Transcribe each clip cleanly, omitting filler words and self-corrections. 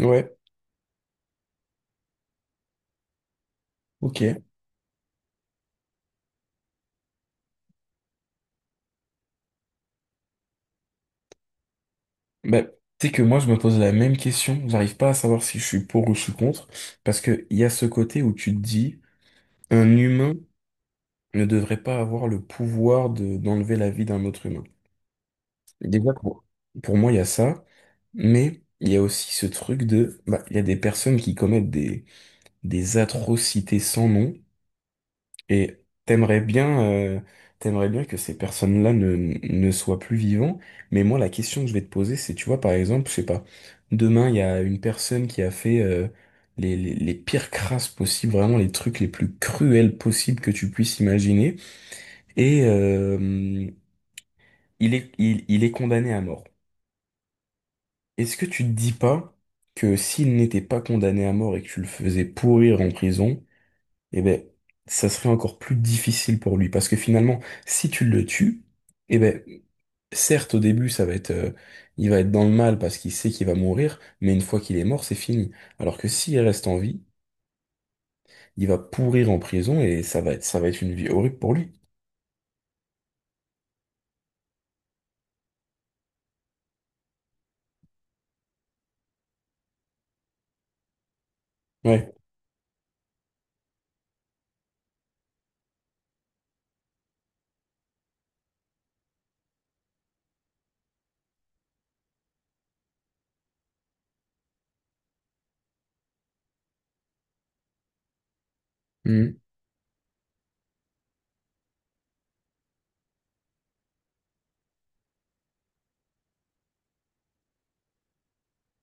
Ouais, ok. Bah, tu sais que moi, je me pose la même question. J'arrive pas à savoir si je suis pour ou je suis contre. Parce que il y a ce côté où tu te dis, un humain ne devrait pas avoir le pouvoir d'enlever la vie d'un autre humain. Déjà, pour moi, il y a ça. Mais il y a aussi ce truc de, bah, il y a des personnes qui commettent des atrocités sans nom. Et t'aimerais bien, euh, t'aimerais bien que ces personnes-là ne soient plus vivants. Mais moi, la question que je vais te poser, c'est, tu vois, par exemple, je sais pas, demain, il y a une personne qui a fait les pires crasses possibles, vraiment les trucs les plus cruels possibles que tu puisses imaginer. Et il est condamné à mort. Est-ce que tu te dis pas que s'il n'était pas condamné à mort et que tu le faisais pourrir en prison, eh ben, ça serait encore plus difficile pour lui. Parce que finalement, si tu le tues, eh ben, certes, au début, ça va être, il va être dans le mal parce qu'il sait qu'il va mourir, mais une fois qu'il est mort, c'est fini. Alors que s'il reste en vie, il va pourrir en prison et ça va être une vie horrible pour lui. Ouais. Mhm.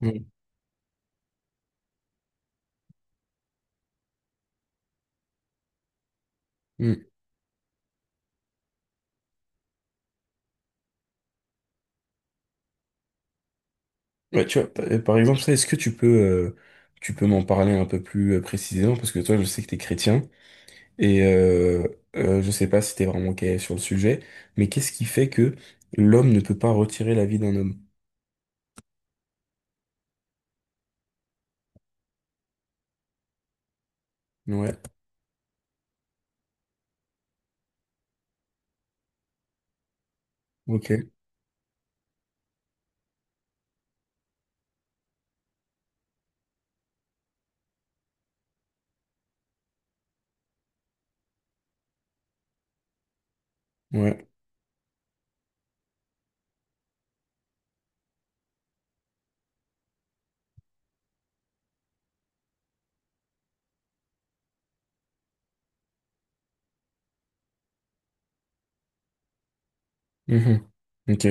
Mhm. Mhm. Ouais, tu vois, par exemple, ça, est-ce que tu peux m'en parler un peu plus précisément? Parce que toi, je sais que t'es chrétien. Et je sais pas si t'es vraiment calé sur le sujet, mais qu'est-ce qui fait que l'homme ne peut pas retirer la vie d'un homme? Ouais, ok, ouais. Mhm. Ok.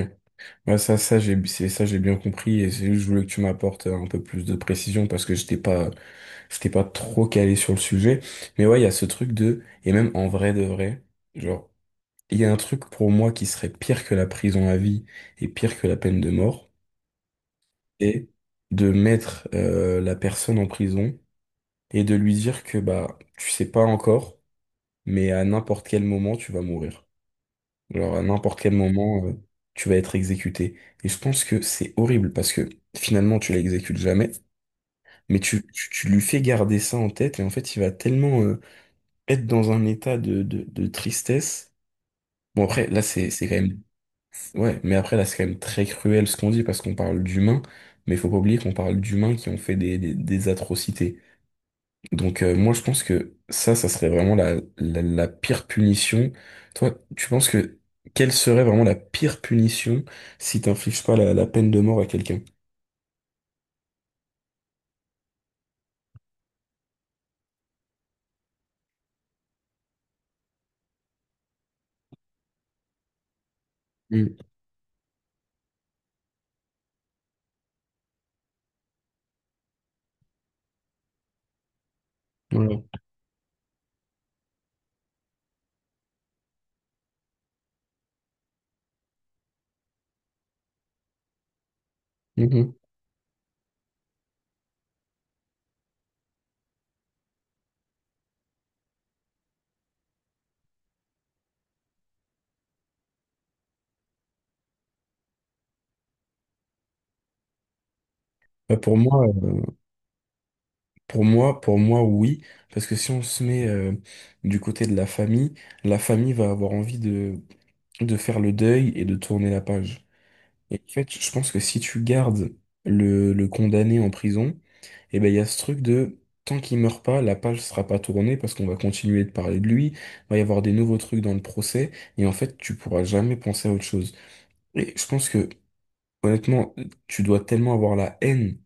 Ouais, ça j'ai bien compris et c'est juste, je voulais que tu m'apportes un peu plus de précision parce que j'étais pas trop calé sur le sujet. Mais ouais, il y a ce truc de, et même en vrai de vrai, genre, il y a un truc pour moi qui serait pire que la prison à vie et pire que la peine de mort, et de mettre la personne en prison et de lui dire que bah tu sais pas encore, mais à n'importe quel moment tu vas mourir. Alors à n'importe quel moment tu vas être exécuté. Et je pense que c'est horrible parce que finalement tu l'exécutes jamais, mais tu lui fais garder ça en tête et en fait il va tellement être dans un état de tristesse. Bon après là c'est quand même ouais, mais après là c'est quand même très cruel ce qu'on dit parce qu'on parle d'humains, mais faut pas oublier qu'on parle d'humains qui ont fait des atrocités. Donc moi je pense que ça serait vraiment la pire punition. Toi, tu penses que quelle serait vraiment la pire punition si t'infliges pas la peine de mort à quelqu'un? Mm, voilà. Mhm. Bah, pour moi, pour moi, oui, parce que si on se met du côté de la famille va avoir envie de faire le deuil et de tourner la page. Et en fait, je pense que si tu gardes le condamné en prison, et ben il y a ce truc de tant qu'il meurt pas, la page sera pas tournée parce qu'on va continuer de parler de lui, va y avoir des nouveaux trucs dans le procès, et en fait tu pourras jamais penser à autre chose. Et je pense que honnêtement, tu dois tellement avoir la haine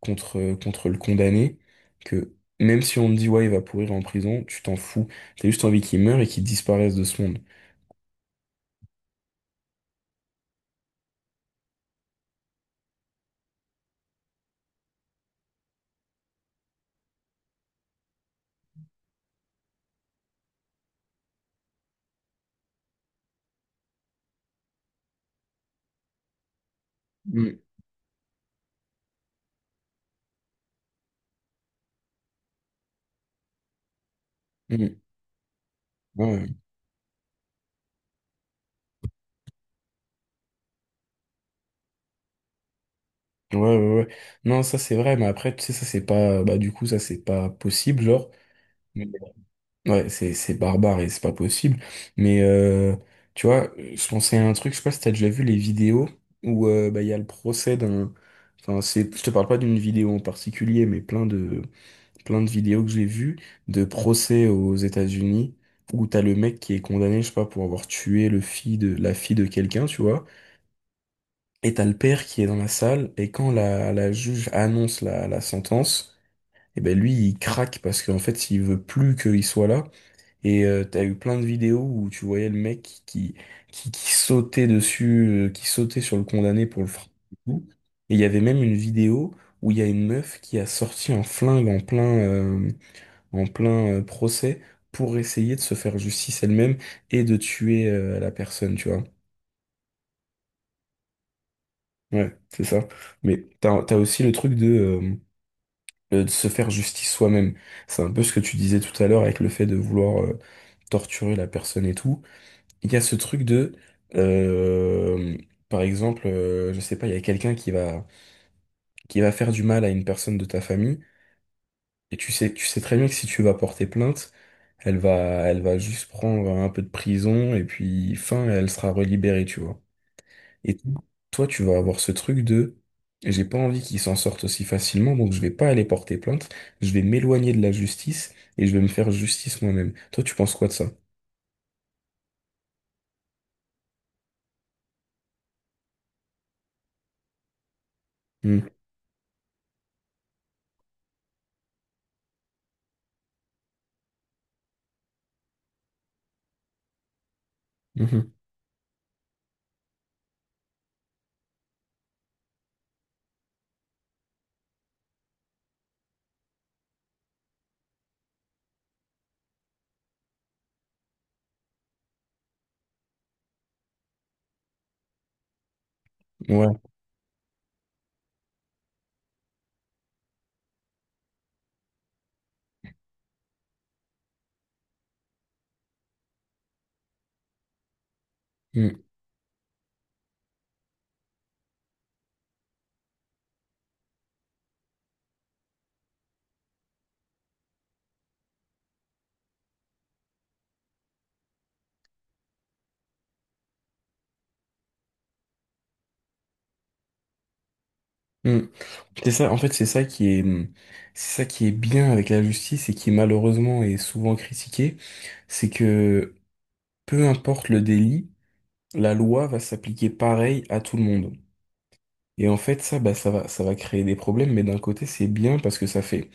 contre le condamné que même si on te dit ouais il va pourrir en prison, tu t'en fous. T'as juste envie qu'il meure et qu'il disparaisse de ce monde. Mm, mm. Ouais, ouais, ouais, ouais. Non, ça c'est vrai, mais après, tu sais, ça c'est pas, bah, du coup, ça c'est pas possible, genre. Ouais, c'est barbare et c'est pas possible. Mais tu vois, je pensais à un truc, je sais pas si t'as déjà vu les vidéos où bah, il y a le procès d'un. Enfin, c'est, je te parle pas d'une vidéo en particulier, mais plein de vidéos que j'ai vues de procès aux États-Unis où t'as le mec qui est condamné, je sais pas, pour avoir tué la fille de quelqu'un, tu vois. Et t'as le père qui est dans la salle et quand la juge annonce la sentence, et ben lui, il craque parce qu'en fait, il veut plus qu'il soit là. Et t'as eu plein de vidéos où tu voyais le mec qui sautait dessus, qui sautait sur le condamné pour le frapper. Et tout. Et il y avait même une vidéo où il y a une meuf qui a sorti un flingue en plein, procès pour essayer de se faire justice elle-même et de tuer la personne, tu vois. Ouais, c'est ça. Mais t'as aussi le truc de se faire justice soi-même. C'est un peu ce que tu disais tout à l'heure avec le fait de vouloir torturer la personne et tout. Il y a ce truc de, euh, par exemple, je sais pas, il y a quelqu'un qui va faire du mal à une personne de ta famille, et tu sais très bien que si tu vas porter plainte, elle va, elle va juste prendre un peu de prison, et puis fin, elle sera relibérée, tu vois. Et toi, tu vas avoir ce truc de, j'ai pas envie qu'ils s'en sortent aussi facilement, donc je vais pas aller porter plainte, je vais m'éloigner de la justice, et je vais me faire justice moi-même. Toi, tu penses quoi de ça? Hmm. Mhm. Ouais. Mmh. Mm. C'est ça, en fait, c'est ça qui est bien avec la justice et qui malheureusement est souvent critiqué, c'est que peu importe le délit, la loi va s'appliquer pareil à tout le monde. Et en fait, ça, bah, ça va créer des problèmes, mais d'un côté, c'est bien parce que ça fait,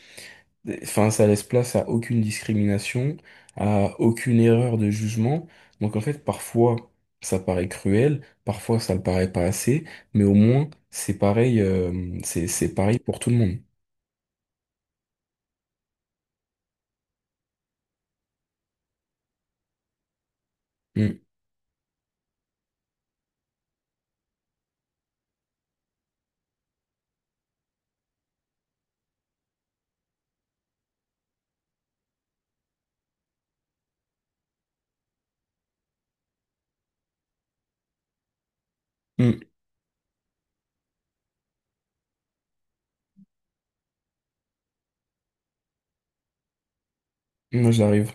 enfin, ça laisse place à aucune discrimination, à aucune erreur de jugement. Donc en fait, parfois, ça paraît cruel, parfois, ça le paraît pas assez, mais au moins, c'est pareil, c'est pareil pour tout le monde. Mmh. Hmm, moi j'arrive.